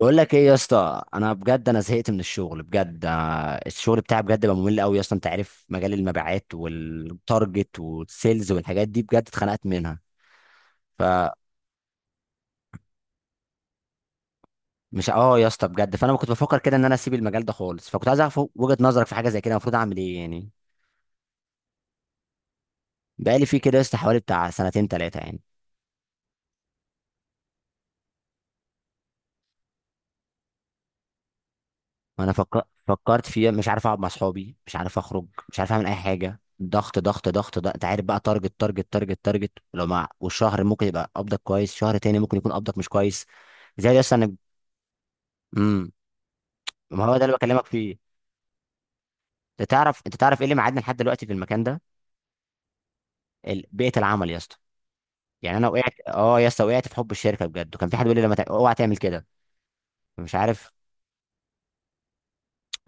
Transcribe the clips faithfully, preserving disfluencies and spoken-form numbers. بقول لك ايه يا اسطى، انا بجد انا زهقت من الشغل بجد. آه، الشغل بتاعي بجد بقى ممل قوي يا اسطى. انت عارف مجال المبيعات والتارجت والسيلز والحاجات دي بجد اتخنقت منها. فمش اه يا اسطى بجد، فانا كنت بفكر كده ان انا اسيب المجال ده خالص، فكنت عايز اعرف وجهة نظرك في حاجه زي كده. المفروض اعمل ايه يعني؟ بقالي فيه كده يا اسطى حوالي بتاع سنتين ثلاثه يعني. انا فك... فكرت فيها. مش عارف اقعد مع اصحابي، مش عارف اخرج، مش عارف اعمل اي حاجه. ضغط ضغط ضغط، ده انت عارف بقى، تارجت تارجت تارجت تارجت. لو مع والشهر ممكن يبقى قبضك كويس، شهر تاني ممكن يكون قبضك مش كويس. زي اصلا انا. امم. ما هو ده اللي بكلمك فيه. انت تعرف انت تعرف ايه اللي معادنا لحد دلوقتي في المكان ده. ال- بيئه العمل يا اسطى. يعني انا وقعت، اه يا اسطى، وقعت في حب الشركه بجد. وكان في حد بيقول لي لما تع- اوعى تعمل كده. مش عارف.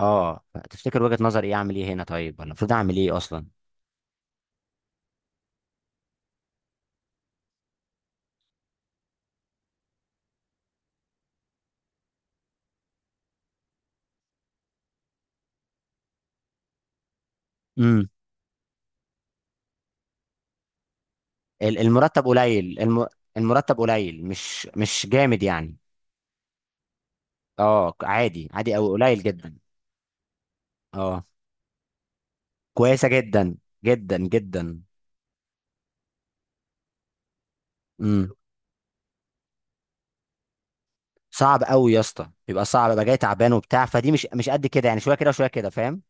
اه تفتكر وجهه نظري ايه؟ اعمل ايه هنا طيب، ولا المفروض اعمل ايه اصلا؟ امم. ال- المرتب قليل الم... المرتب قليل، مش مش جامد يعني. اه، عادي عادي او قليل جدا. اه، كويسه جدا، جدا جدا. امم. صعب قوي يا اسطى، بيبقى صعب بقى. جاي تعبان وبتاع فدي، مش مش قد كده يعني. شويه كده وشويه كده، فاهم.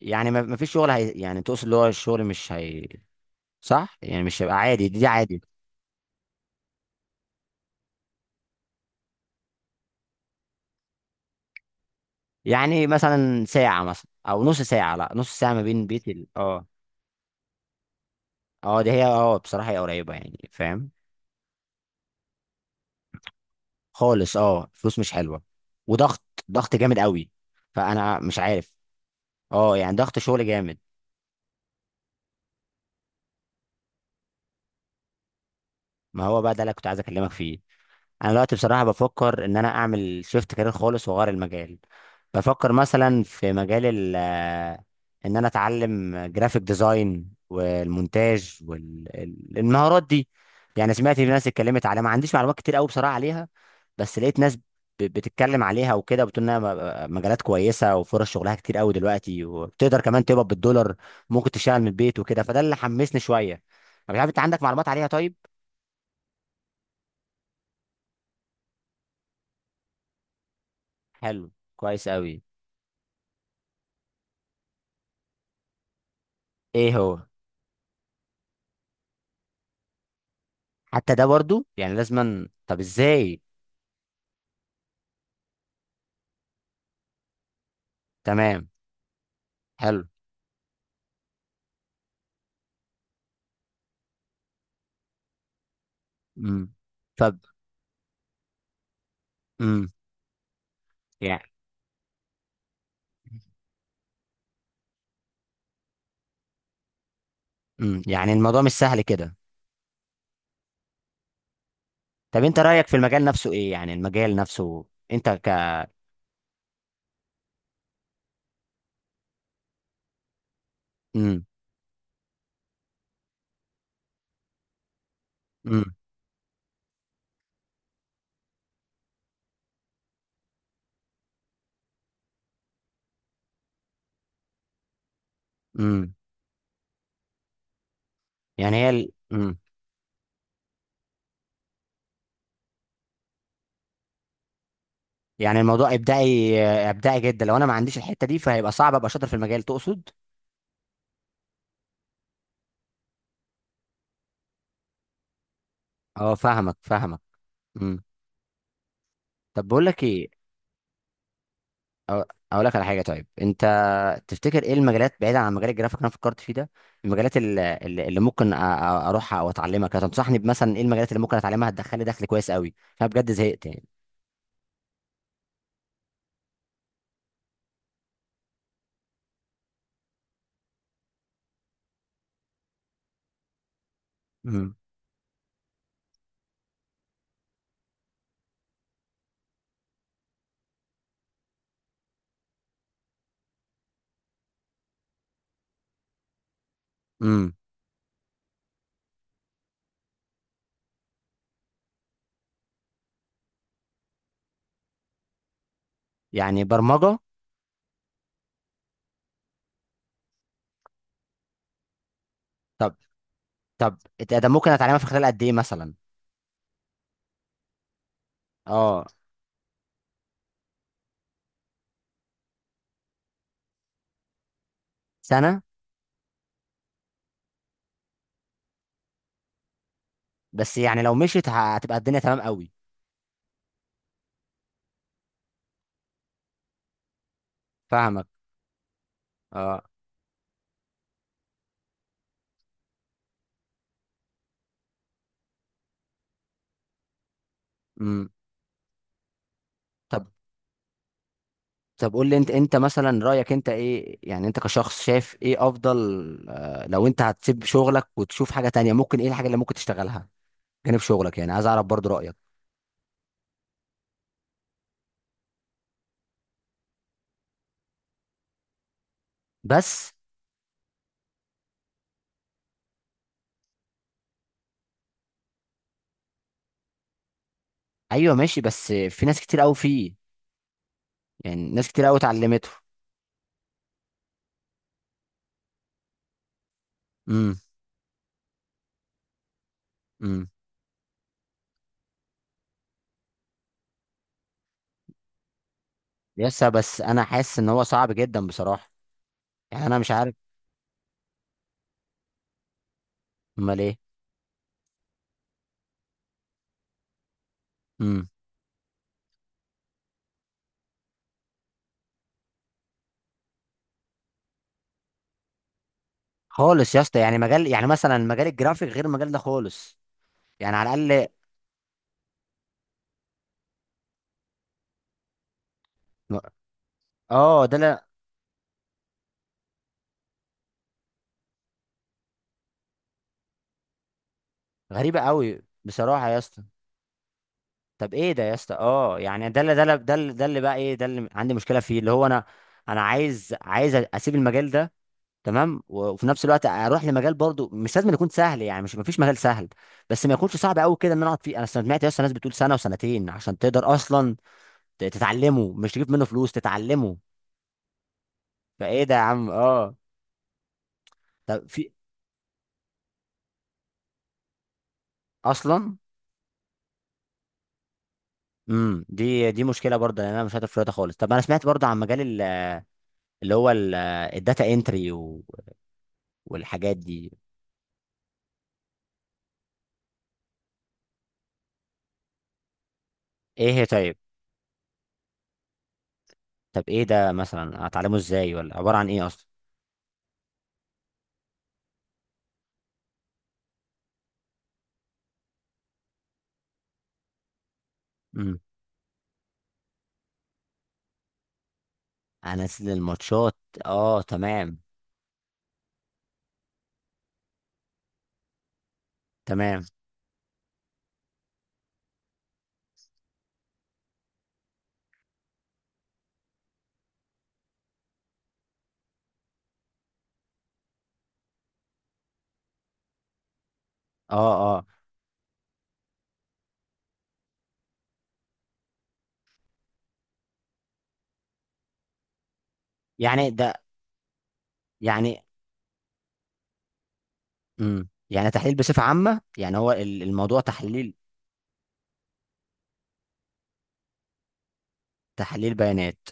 يعني ما ما فيش شغل هي... يعني تقصد اللي هو الشغل مش هي. صح. يعني مش هيبقى عادي. دي, دي عادي. يعني مثلا ساعه، مثلا او نص ساعه، لا نص ساعه ما بين بيت ال... اه. اه دي هي، اه بصراحه هي قريبه يعني، فاهم. خالص، اه، فلوس مش حلوه. وضغط، ضغط جامد قوي. فانا مش عارف. اه يعني ضغط شغل جامد. ما هو بقى ده اللي كنت عايز اكلمك فيه. انا دلوقتي بصراحه بفكر ان انا اعمل شيفت كارير خالص واغير المجال. بفكر مثلا في مجال ال آه، ان انا اتعلم جرافيك ديزاين والمونتاج والمهارات دي. يعني سمعت في ناس اتكلمت عليها، ما عنديش معلومات كتير قوي بصراحه عليها. بس لقيت ناس ب- بتتكلم عليها وكده، وبتقول انها م- مجالات كويسه وفرص شغلها كتير قوي دلوقتي، وبتقدر كمان تقبض بالدولار. ممكن تشتغل من البيت وكده. فده اللي حمسني شويه أنا. مش عارف، انت عندك معلومات عليها طيب؟ حلو. كويس قوي. ايه هو؟ حتى ده برضو يعني لازما؟ طب ازاي؟ تمام. حلو. امم. طب. امم. يعني امم. يعني الموضوع مش سهل كده. طب انت رأيك في المجال نفسه ايه؟ يعني المجال نفسه. انت ك امم. امم. امم. يعني هي ال... امم. يعني الموضوع ابداعي، ابداعي جدا. لو انا ما عنديش الحتة دي فهيبقى صعب ابقى شاطر في المجال، تقصد؟ اه فاهمك، فاهمك. امم. طب بقول لك ايه. أو- اقول لك على حاجة. طيب انت تفتكر ايه المجالات بعيدا عن مجال الجرافيك اللي انا فكرت فيه ده؟ المجالات اللي, اللي ممكن أ- أ- اروحها او اتعلمها كده، تنصحني بمثلا ايه؟ المجالات اللي ممكن اتعلمها هتدخل لي دخل كويس قوي. انا بجد زهقت يعني. امم. امم. يعني برمجه. طب. طب. إت- ده ممكن اتعلمها في خلال قد ايه مثلا؟ اه، سنه. بس يعني لو مشيت ه- هتبقى الدنيا تمام قوي. فاهمك. اه. امم. طب. طب قول لي انت انت مثلا رايك انت ايه؟ يعني انت كشخص شايف ايه افضل؟ آه، لو انت هتسيب شغلك وتشوف حاجه تانية، ممكن ايه الحاجه اللي ممكن تشتغلها جانب شغلك؟ يعني عايز اعرف برضو رايك. بس. ايوه، ماشي. بس في ناس كتير قوي فيه. يعني ناس كتير قوي اتعلمته. امم. امم. يس. بس انا حاسس ان هو صعب جدا بصراحه. يعني انا مش عارف. امال ايه؟ امم. خالص يا اسطى. يعني مجال، يعني مثلا مجال الجرافيك غير المجال ده خالص، يعني على الاقل. اه. ده لا. غريبه قوي بصراحه يا اسطى. طب ايه ده يا اسطى؟ اه، يعني ده اللي ده اللي ده اللي ده اللي بقى ايه، ده اللي عندي مشكله فيه. اللي هو انا، انا عايز عايز اسيب المجال ده. تمام. و- وفي نفس الوقت اروح لمجال برضو مش لازم يكون سهل، يعني مش مفيش مجال سهل. بس ما يكونش صعب قوي كده ان انا اقعد فيه. انا سمعت اصلا ناس بتقول سنه وسنتين عشان تقدر اصلا ت- تتعلمه، مش تجيب منه فلوس، تتعلمه. فايه ده يا عم؟ اه. طب في اصلا. امم. دي دي مشكله برضه، لان انا مش شاطر في الرياضه خالص. طب انا سمعت برضه عن مجال ال- اللي هو الداتا انتري والحاجات دي. ايه هي طيب؟ طب ايه ده مثلا؟ اتعلمه ازاي ولا عباره عن ايه اصلا؟ امم. انزل الماتشات. اه تمام. تمام. اه. اه. يعني ده. يعني امم. يعني تحليل بصفة عامة. يعني هو ال- الموضوع تحليل. تحليل بيانات.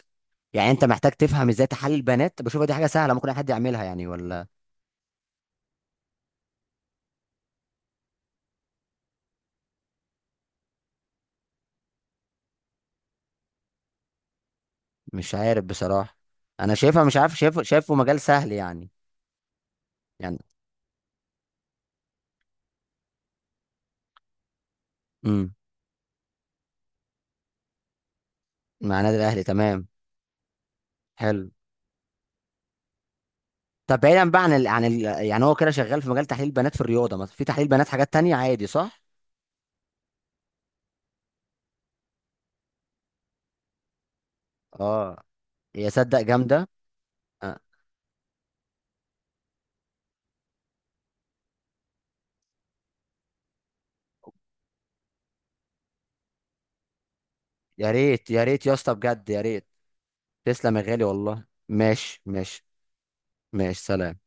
يعني انت محتاج تفهم ازاي تحلل بيانات؟ بشوفها دي حاجة سهلة ممكن اي حد يعملها، يعني ولا؟ مش عارف بصراحة. انا شايفها، مش عارف، شايفه شايفه مجال سهل يعني. يعني امم. مع النادي الاهلي، تمام. حلو. طب بعيدا بقى عن ال... عن ال... يعني هو كده شغال في مجال تحليل بيانات في الرياضة. مثلا في تحليل بيانات حاجات تانية عادي، صح؟ اه، يا صدق جامدة. آه. يا ريت، يا ريت يا اسطى بجد، يا ريت. تسلم يا غالي والله. ماشي. ماشي. ماشي. سلام.